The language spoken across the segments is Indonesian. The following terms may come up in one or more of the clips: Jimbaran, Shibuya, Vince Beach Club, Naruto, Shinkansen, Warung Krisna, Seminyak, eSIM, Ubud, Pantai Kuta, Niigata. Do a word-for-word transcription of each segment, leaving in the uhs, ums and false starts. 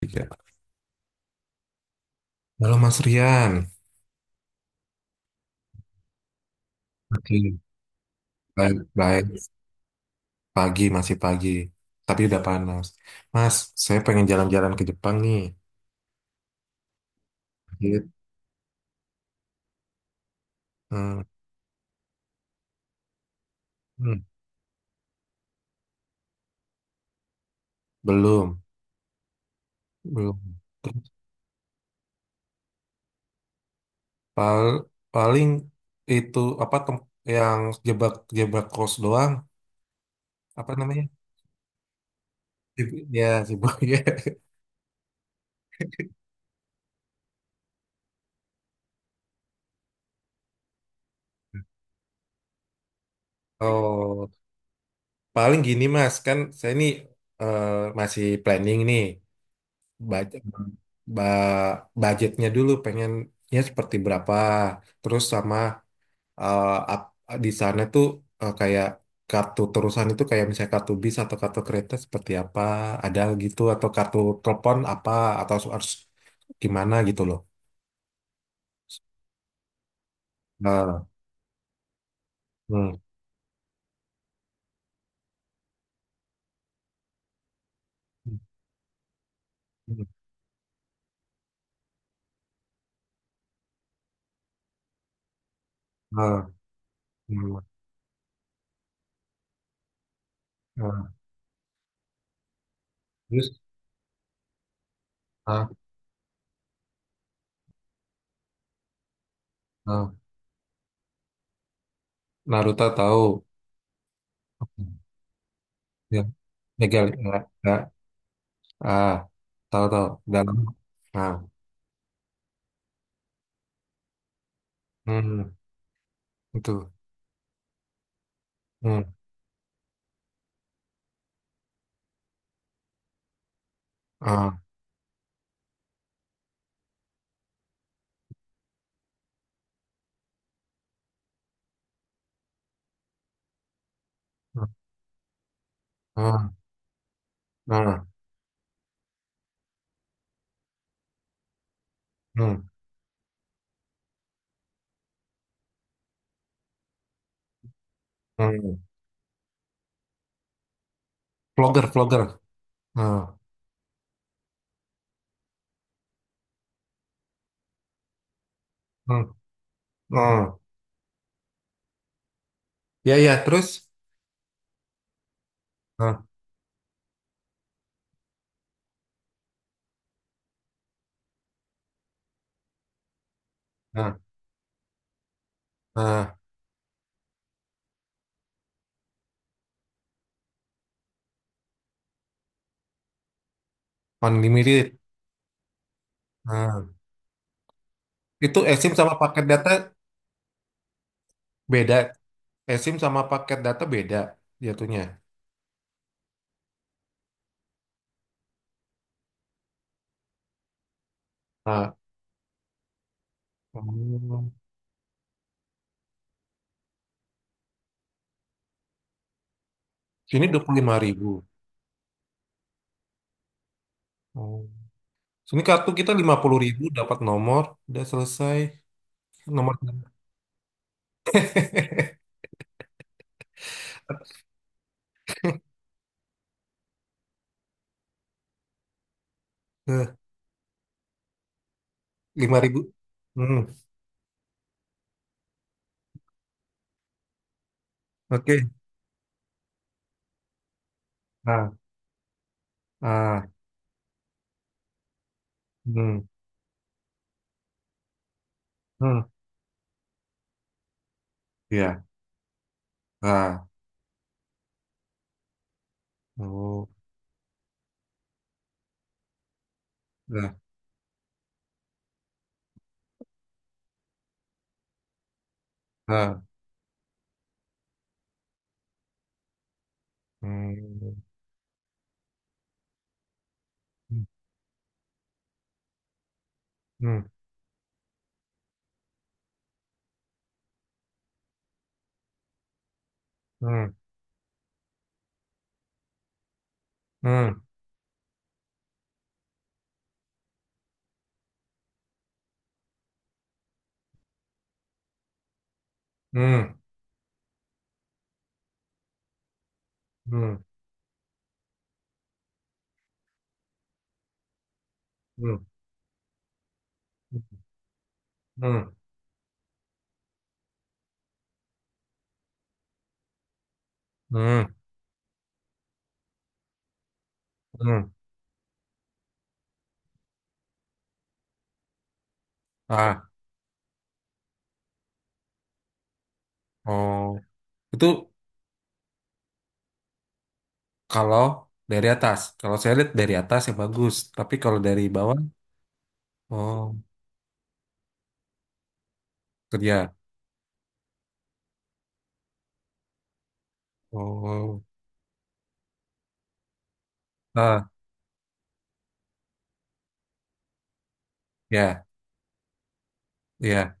Tiga. Halo, Mas Rian. Oke. Baik, baik. Pagi masih pagi, tapi udah panas. Mas, saya pengen jalan-jalan ke Jepang nih. Gitu. Hmm. Hmm. Belum, belum. Terus pal- paling itu apa tem- yang jebak-jebak kos doang? Apa namanya? Sib- Ya, Shibuya. Oh, paling gini, Mas. Kan saya ini eh, masih planning nih. Baca ba- budgetnya dulu, pengen ya seperti berapa, terus sama eh, ap- di sana tuh eh, kayak kartu terusan itu, kayak misalnya kartu bis atau kartu kereta seperti apa, ada gitu, atau kartu telepon apa, atau harus gimana gitu loh. Nah. Hmm. Hmm. Nah. Hmm. Nah. Terus. Ah. Ah. Naruto tahu. Ya, legal, ya, ya. Ah, tahu tahu, dalam, nah. Hmm, itu. うん、ああ、うん、うん、うん、うん。vlogger, vlogger. Ah. Hmm. Hmm. Hmm. Ya, ya, terus? Ah. Ah. Ah. Unlimited. Hmm. Itu eSIM sama paket data beda. eSIM sama paket data beda jatuhnya. Ah. Oh. Sini dua puluh lima ribu. Oh. Sini kartu kita lima puluh ribu dapat nomor, udah selesai. Nomor. Lima ribu. Hmm. Oke. Ah. Ah. Hmm. Hmm. Ya. 아. 오. 네. 네. 음. 음. 음. 음. 음. 음. 음. 음. 음. 음. 아. 어. Itu kalau dari atas. Kalau saya lihat dari atas ya bagus, tapi kalau dari bawah, oh, kerja. Oh. Ah, ya, ya.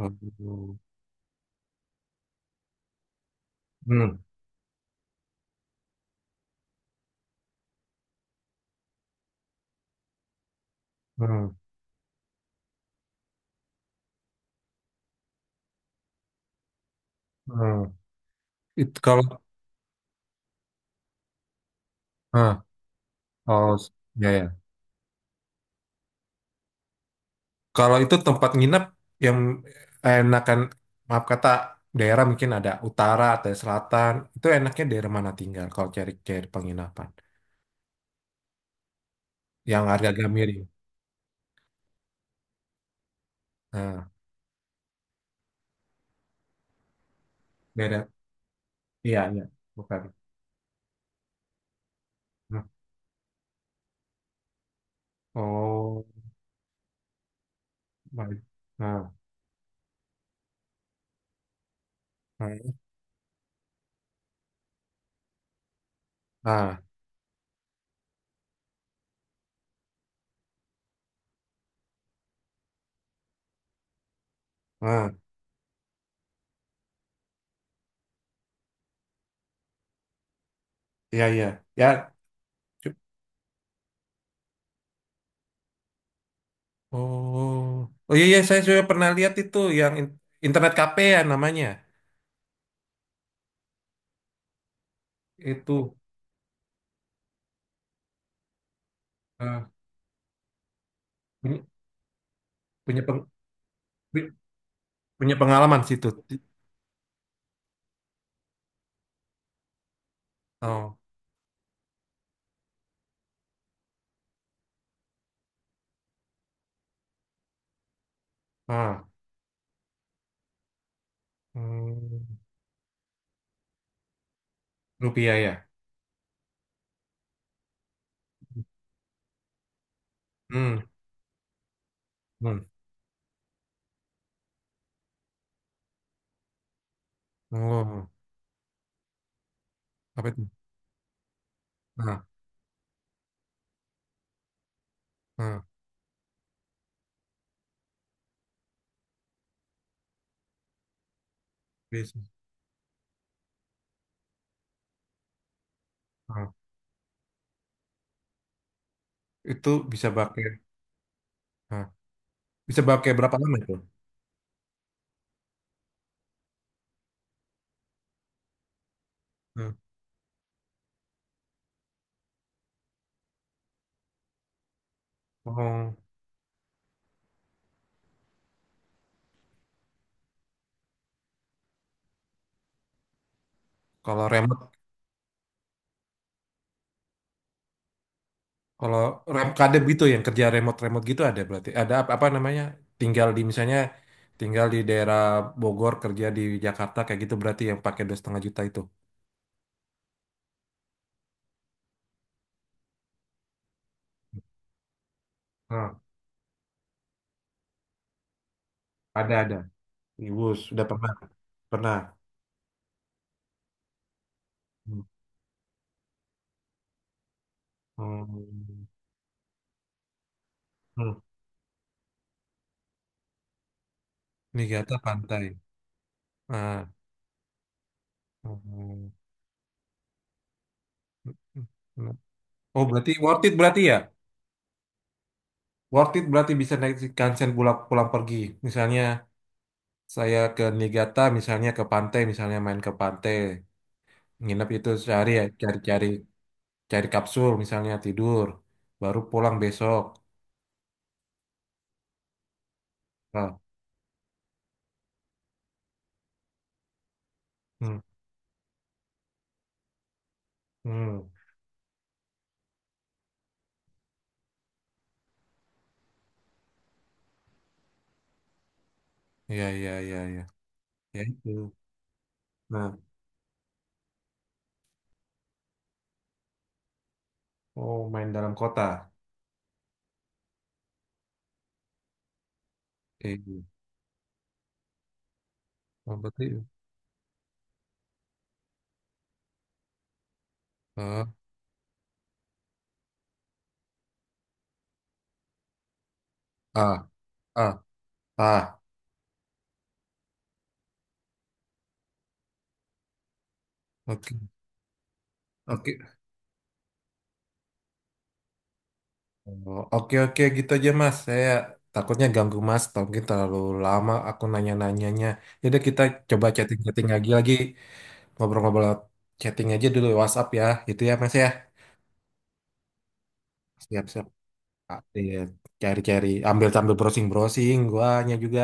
음. 음. 음. Itu kalau ah, oh, ya, ya. Kalau itu tempat nginep yang enakan, maaf kata, daerah mungkin ada utara atau selatan, itu enaknya daerah mana tinggal kalau cari-cari penginapan? Yang harga-harga miring. Nah, daerah, iya, iya, bukan. Nah. Oh, baik. Nah. Nah. Nah. Nah, iya, iya. Ya. cu- oh, oh iya, iya, saya sudah pernah lihat itu yang in- internet cafe ya namanya. Itu, ah, punya, punya, peng- punya pengalaman situ. Oh. Ah. Hmm, rupiah ya. Hmm. Hmm. Oh, apa itu? Nah. Nah, bisa. Nah, itu bisa pakai. Nah, bisa pakai berapa lama itu? Hmm. Oh, kalau remote, kalau rem kadep gitu yang kerja remote-remote gitu ada berarti. Ada apa, apa namanya? Tinggal di misalnya tinggal di daerah Bogor, kerja di Jakarta kayak gitu, berarti yang pakai dua setengah juta itu. Nah, ada ada. Iwus, udah pernah pernah. Hmm. Hmm. Hmm. Ini kata pantai. Nah. Hmm. Hmm. Hmm. Oh, berarti worth it berarti ya? Worth it berarti bisa naik Shinkansen pulang pulang pergi. Misalnya saya ke Niigata, misalnya ke pantai, misalnya main ke pantai, nginep itu sehari ya, cari-cari cari kapsul misalnya tidur, baru pulang besok. Ah. Hmm. Hmm, iya iya iya iya, ya itu. Nah, oh, main dalam kota. Eh, oh, berarti ah ah ah ah, oke oke. Oh, oke oke gitu aja, Mas. Saya takutnya ganggu Mas. Atau mungkin terlalu lama aku nanya-nanyanya. Jadi kita coba chatting-chatting lagi lagi ngobrol-ngobrol chatting aja dulu WhatsApp ya. Itu ya, Mas ya. Siap-siap. Ah, iya. Cari-cari ambil sambil browsing-browsing. Guanya juga.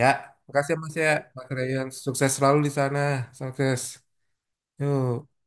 Ya. Makasih ya, Mas ya. Mas Ryan, sukses selalu di sana. Sukses. Yuk.